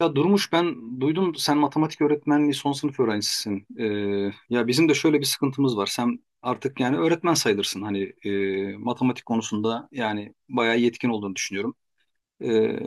Ya Durmuş ben duydum sen matematik öğretmenliği son sınıf öğrencisisin. Ya bizim de şöyle bir sıkıntımız var. Sen artık yani öğretmen sayılırsın. Hani matematik konusunda yani bayağı yetkin olduğunu düşünüyorum. Ee,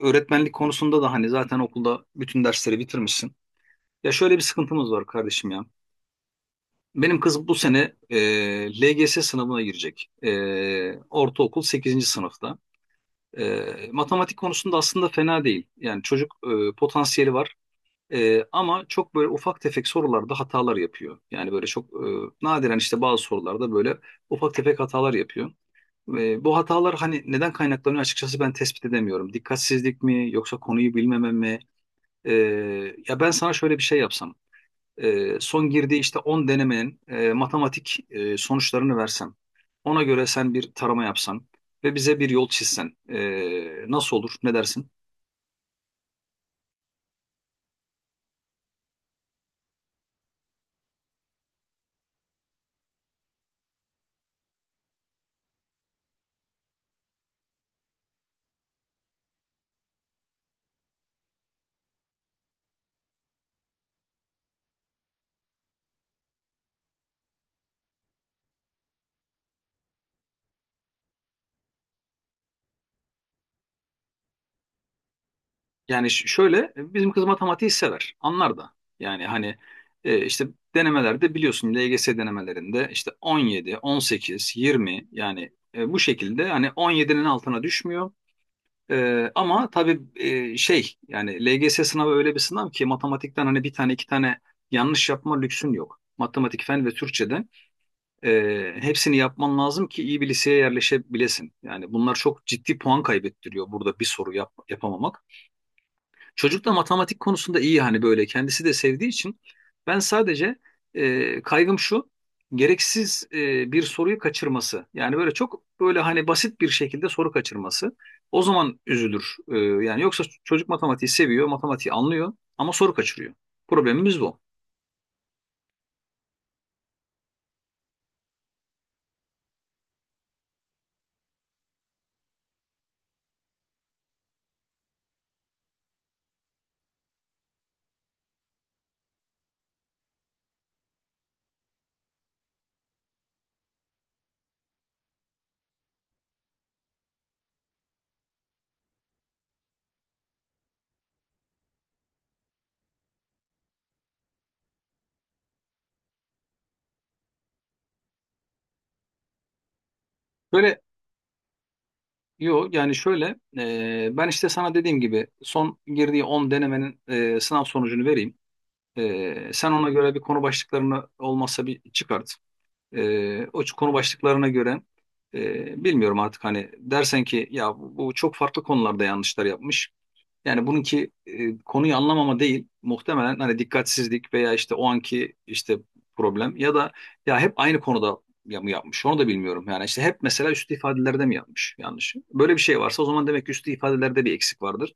öğretmenlik konusunda da hani zaten okulda bütün dersleri bitirmişsin. Ya şöyle bir sıkıntımız var kardeşim ya. Benim kız bu sene LGS sınavına girecek. Ortaokul sekizinci sınıfta. Matematik konusunda aslında fena değil. Yani çocuk potansiyeli var. Ama çok böyle ufak tefek sorularda hatalar yapıyor. Yani böyle çok nadiren işte bazı sorularda böyle ufak tefek hatalar yapıyor. Ve bu hatalar hani neden kaynaklanıyor, açıkçası ben tespit edemiyorum. Dikkatsizlik mi yoksa konuyu bilmeme mi? Ee, ya ben sana şöyle bir şey yapsam. Son girdiği işte 10 denemenin matematik sonuçlarını versem. Ona göre sen bir tarama yapsan ve bize bir yol çizsen. Nasıl olur? Ne dersin? Yani şöyle bizim kız matematiği sever. Anlar da. Yani hani işte denemelerde biliyorsun, LGS denemelerinde işte 17, 18, 20, yani bu şekilde hani 17'nin altına düşmüyor. Ama tabii şey yani LGS sınavı öyle bir sınav ki matematikten hani bir tane iki tane yanlış yapma lüksün yok. Matematik, fen ve Türkçe'de hepsini yapman lazım ki iyi bir liseye yerleşebilesin. Yani bunlar çok ciddi puan kaybettiriyor burada bir soru yap, yapamamak. Çocuk da matematik konusunda iyi hani böyle kendisi de sevdiği için ben sadece kaygım şu, gereksiz bir soruyu kaçırması. Yani böyle çok böyle hani basit bir şekilde soru kaçırması. O zaman üzülür. Yani yoksa çocuk matematiği seviyor, matematiği anlıyor ama soru kaçırıyor. Problemimiz bu. Böyle, yo yani şöyle, ben işte sana dediğim gibi son girdiği 10 denemenin sınav sonucunu vereyim. Sen ona göre bir konu başlıklarını olmazsa bir çıkart. O konu başlıklarına göre bilmiyorum artık hani, dersen ki ya bu çok farklı konularda yanlışlar yapmış. Yani bununki konuyu anlamama değil muhtemelen, hani dikkatsizlik veya işte o anki işte problem ya da ya hep aynı konuda ya mı yapmış onu da bilmiyorum. Yani işte hep mesela üstü ifadelerde mi yapmış yanlış. Böyle bir şey varsa o zaman demek ki üstü ifadelerde bir eksik vardır.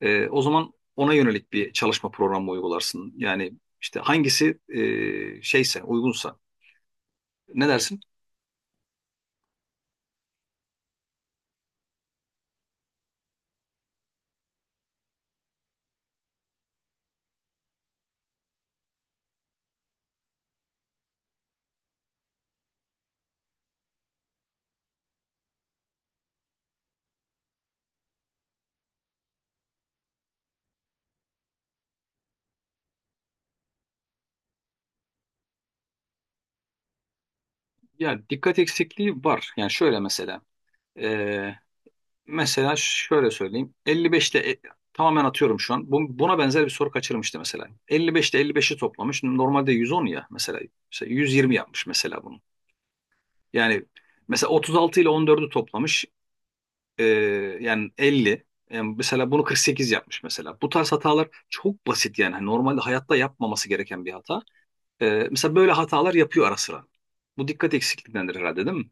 O zaman ona yönelik bir çalışma programı uygularsın. Yani işte hangisi şeyse uygunsa, ne dersin? Ya dikkat eksikliği var. Yani şöyle mesela. e, mesela şöyle söyleyeyim. 55'te tamamen atıyorum şu an. Buna benzer bir soru kaçırmıştı mesela. 55'te 55'i toplamış. Normalde 110 ya mesela. Mesela 120 yapmış mesela bunu. Yani mesela 36 ile 14'ü toplamış. E, yani 50. Yani mesela bunu 48 yapmış mesela. Bu tarz hatalar çok basit yani. Hani normalde hayatta yapmaması gereken bir hata. Mesela böyle hatalar yapıyor ara sıra. Bu dikkat eksikliğindendir herhalde, değil mi?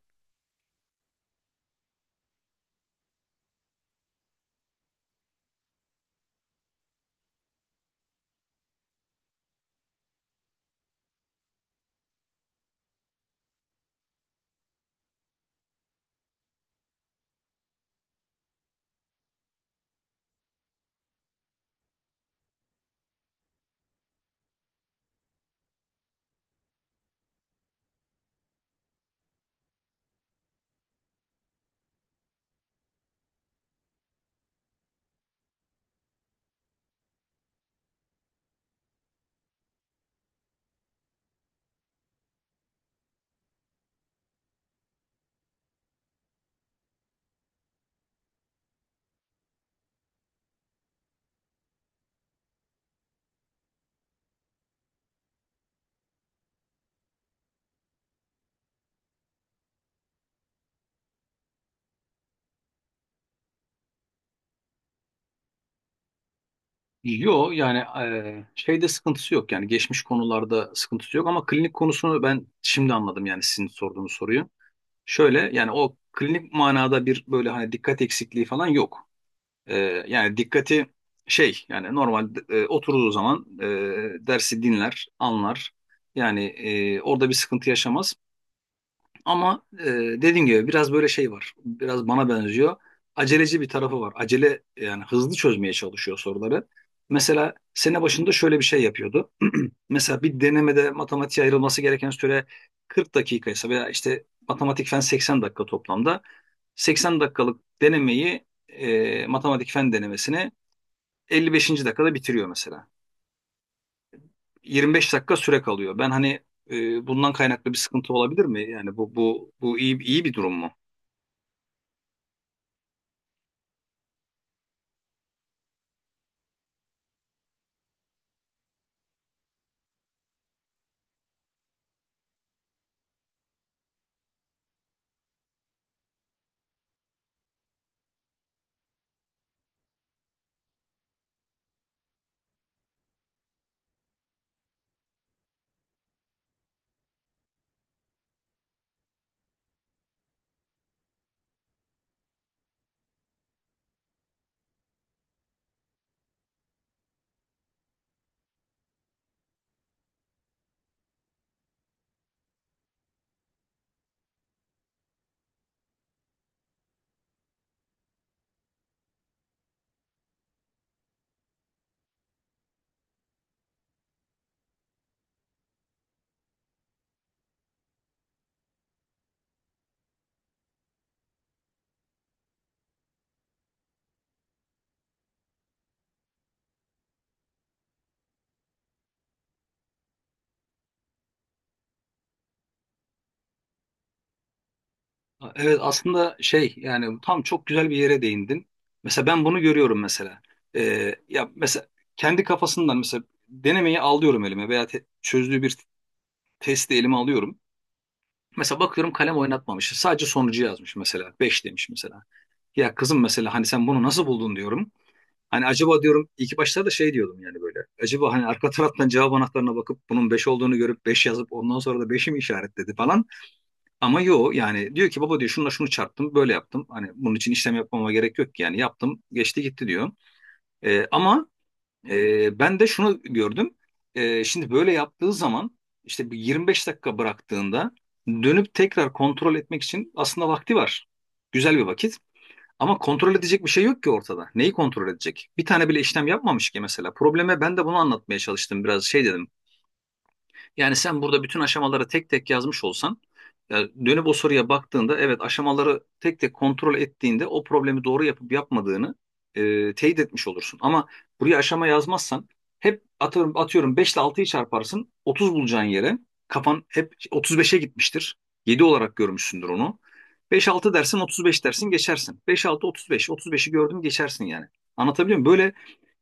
Yo yani şeyde sıkıntısı yok, yani geçmiş konularda sıkıntısı yok, ama klinik konusunu ben şimdi anladım, yani sizin sorduğunuz soruyu. Şöyle yani, o klinik manada bir böyle hani dikkat eksikliği falan yok. Yani dikkati şey yani, normal oturduğu zaman dersi dinler, anlar. Yani orada bir sıkıntı yaşamaz. Ama dediğim gibi biraz böyle şey var. Biraz bana benziyor. Aceleci bir tarafı var. Acele yani, hızlı çözmeye çalışıyor soruları. Mesela sene başında şöyle bir şey yapıyordu. Mesela bir denemede matematiğe ayrılması gereken süre 40 dakika ise veya işte matematik fen 80 dakika toplamda, 80 dakikalık denemeyi matematik fen denemesini 55. dakikada bitiriyor mesela. 25 dakika süre kalıyor. Ben hani bundan kaynaklı bir sıkıntı olabilir mi? Yani bu iyi bir durum mu? Evet, aslında şey yani, tam çok güzel bir yere değindin. Mesela ben bunu görüyorum mesela. Ya mesela kendi kafasından mesela denemeyi alıyorum elime veya çözdüğü bir testi elime alıyorum. Mesela bakıyorum kalem oynatmamış. Sadece sonucu yazmış mesela. Beş demiş mesela. Ya kızım mesela, hani sen bunu nasıl buldun diyorum. Hani acaba diyorum, ilk başta da şey diyordum yani, böyle. Acaba hani arka taraftan cevap anahtarına bakıp bunun 5 olduğunu görüp 5 yazıp ondan sonra da 5'i mi işaretledi falan. Ama yo yani diyor ki baba diyor, şununla şunu çarptım böyle yaptım. Hani bunun için işlem yapmama gerek yok ki, yani yaptım geçti gitti diyor. Ama ben de şunu gördüm. Şimdi böyle yaptığı zaman işte bir 25 dakika bıraktığında dönüp tekrar kontrol etmek için aslında vakti var. Güzel bir vakit. Ama kontrol edecek bir şey yok ki ortada. Neyi kontrol edecek? Bir tane bile işlem yapmamış ki mesela. Probleme ben de bunu anlatmaya çalıştım. Biraz şey dedim. Yani sen burada bütün aşamaları tek tek yazmış olsan, yani dönüp o soruya baktığında, evet, aşamaları tek tek kontrol ettiğinde o problemi doğru yapıp yapmadığını teyit etmiş olursun. Ama buraya aşama yazmazsan, hep, atıyorum 5 ile 6'yı çarparsın 30 bulacağın yere kafan hep 35'e gitmiştir. Yedi olarak görmüşsündür onu. Beş altı dersin 35 dersin geçersin. Beş altı 35, 35'i gördüm geçersin yani. Anlatabiliyor muyum? Böyle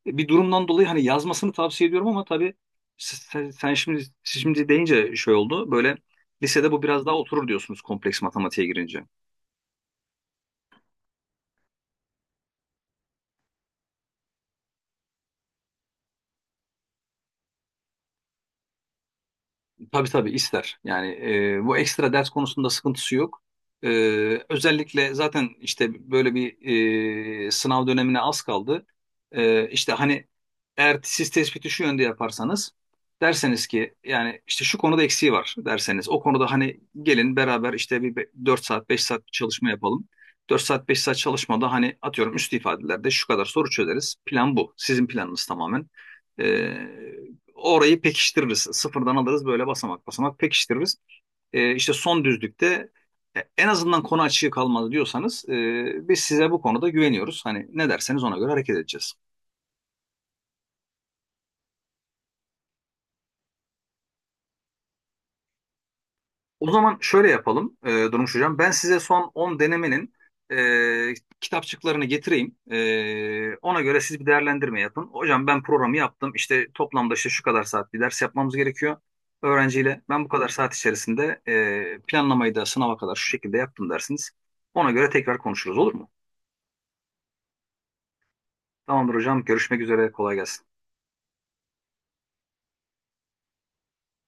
bir durumdan dolayı hani yazmasını tavsiye ediyorum ama tabii sen şimdi, siz şimdi deyince şey oldu. Böyle lisede bu biraz daha oturur diyorsunuz, kompleks matematiğe girince. Tabii tabii ister. Yani bu ekstra ders konusunda sıkıntısı yok. E, özellikle zaten işte böyle bir sınav dönemine az kaldı. E, işte hani eğer siz tespiti şu yönde yaparsanız, derseniz ki yani işte şu konuda eksiği var, derseniz o konuda hani gelin beraber işte bir 4 saat 5 saat bir çalışma yapalım. 4 saat 5 saat çalışmada hani atıyorum üst ifadelerde şu kadar soru çözeriz. Plan bu. Sizin planınız tamamen. Orayı pekiştiririz. Sıfırdan alırız, böyle basamak basamak pekiştiririz. E, işte son düzlükte en azından konu açığı kalmadı diyorsanız, biz size bu konuda güveniyoruz. Hani ne derseniz ona göre hareket edeceğiz. O zaman şöyle yapalım, Durmuş Hocam. Ben size son 10 denemenin e, kitapçıklarını getireyim. Ona göre siz bir değerlendirme yapın. Hocam, ben programı yaptım. İşte toplamda işte şu kadar saat bir ders yapmamız gerekiyor öğrenciyle. Ben bu kadar saat içerisinde planlamayı da sınava kadar şu şekilde yaptım dersiniz. Ona göre tekrar konuşuruz, olur mu? Tamamdır hocam. Görüşmek üzere. Kolay gelsin.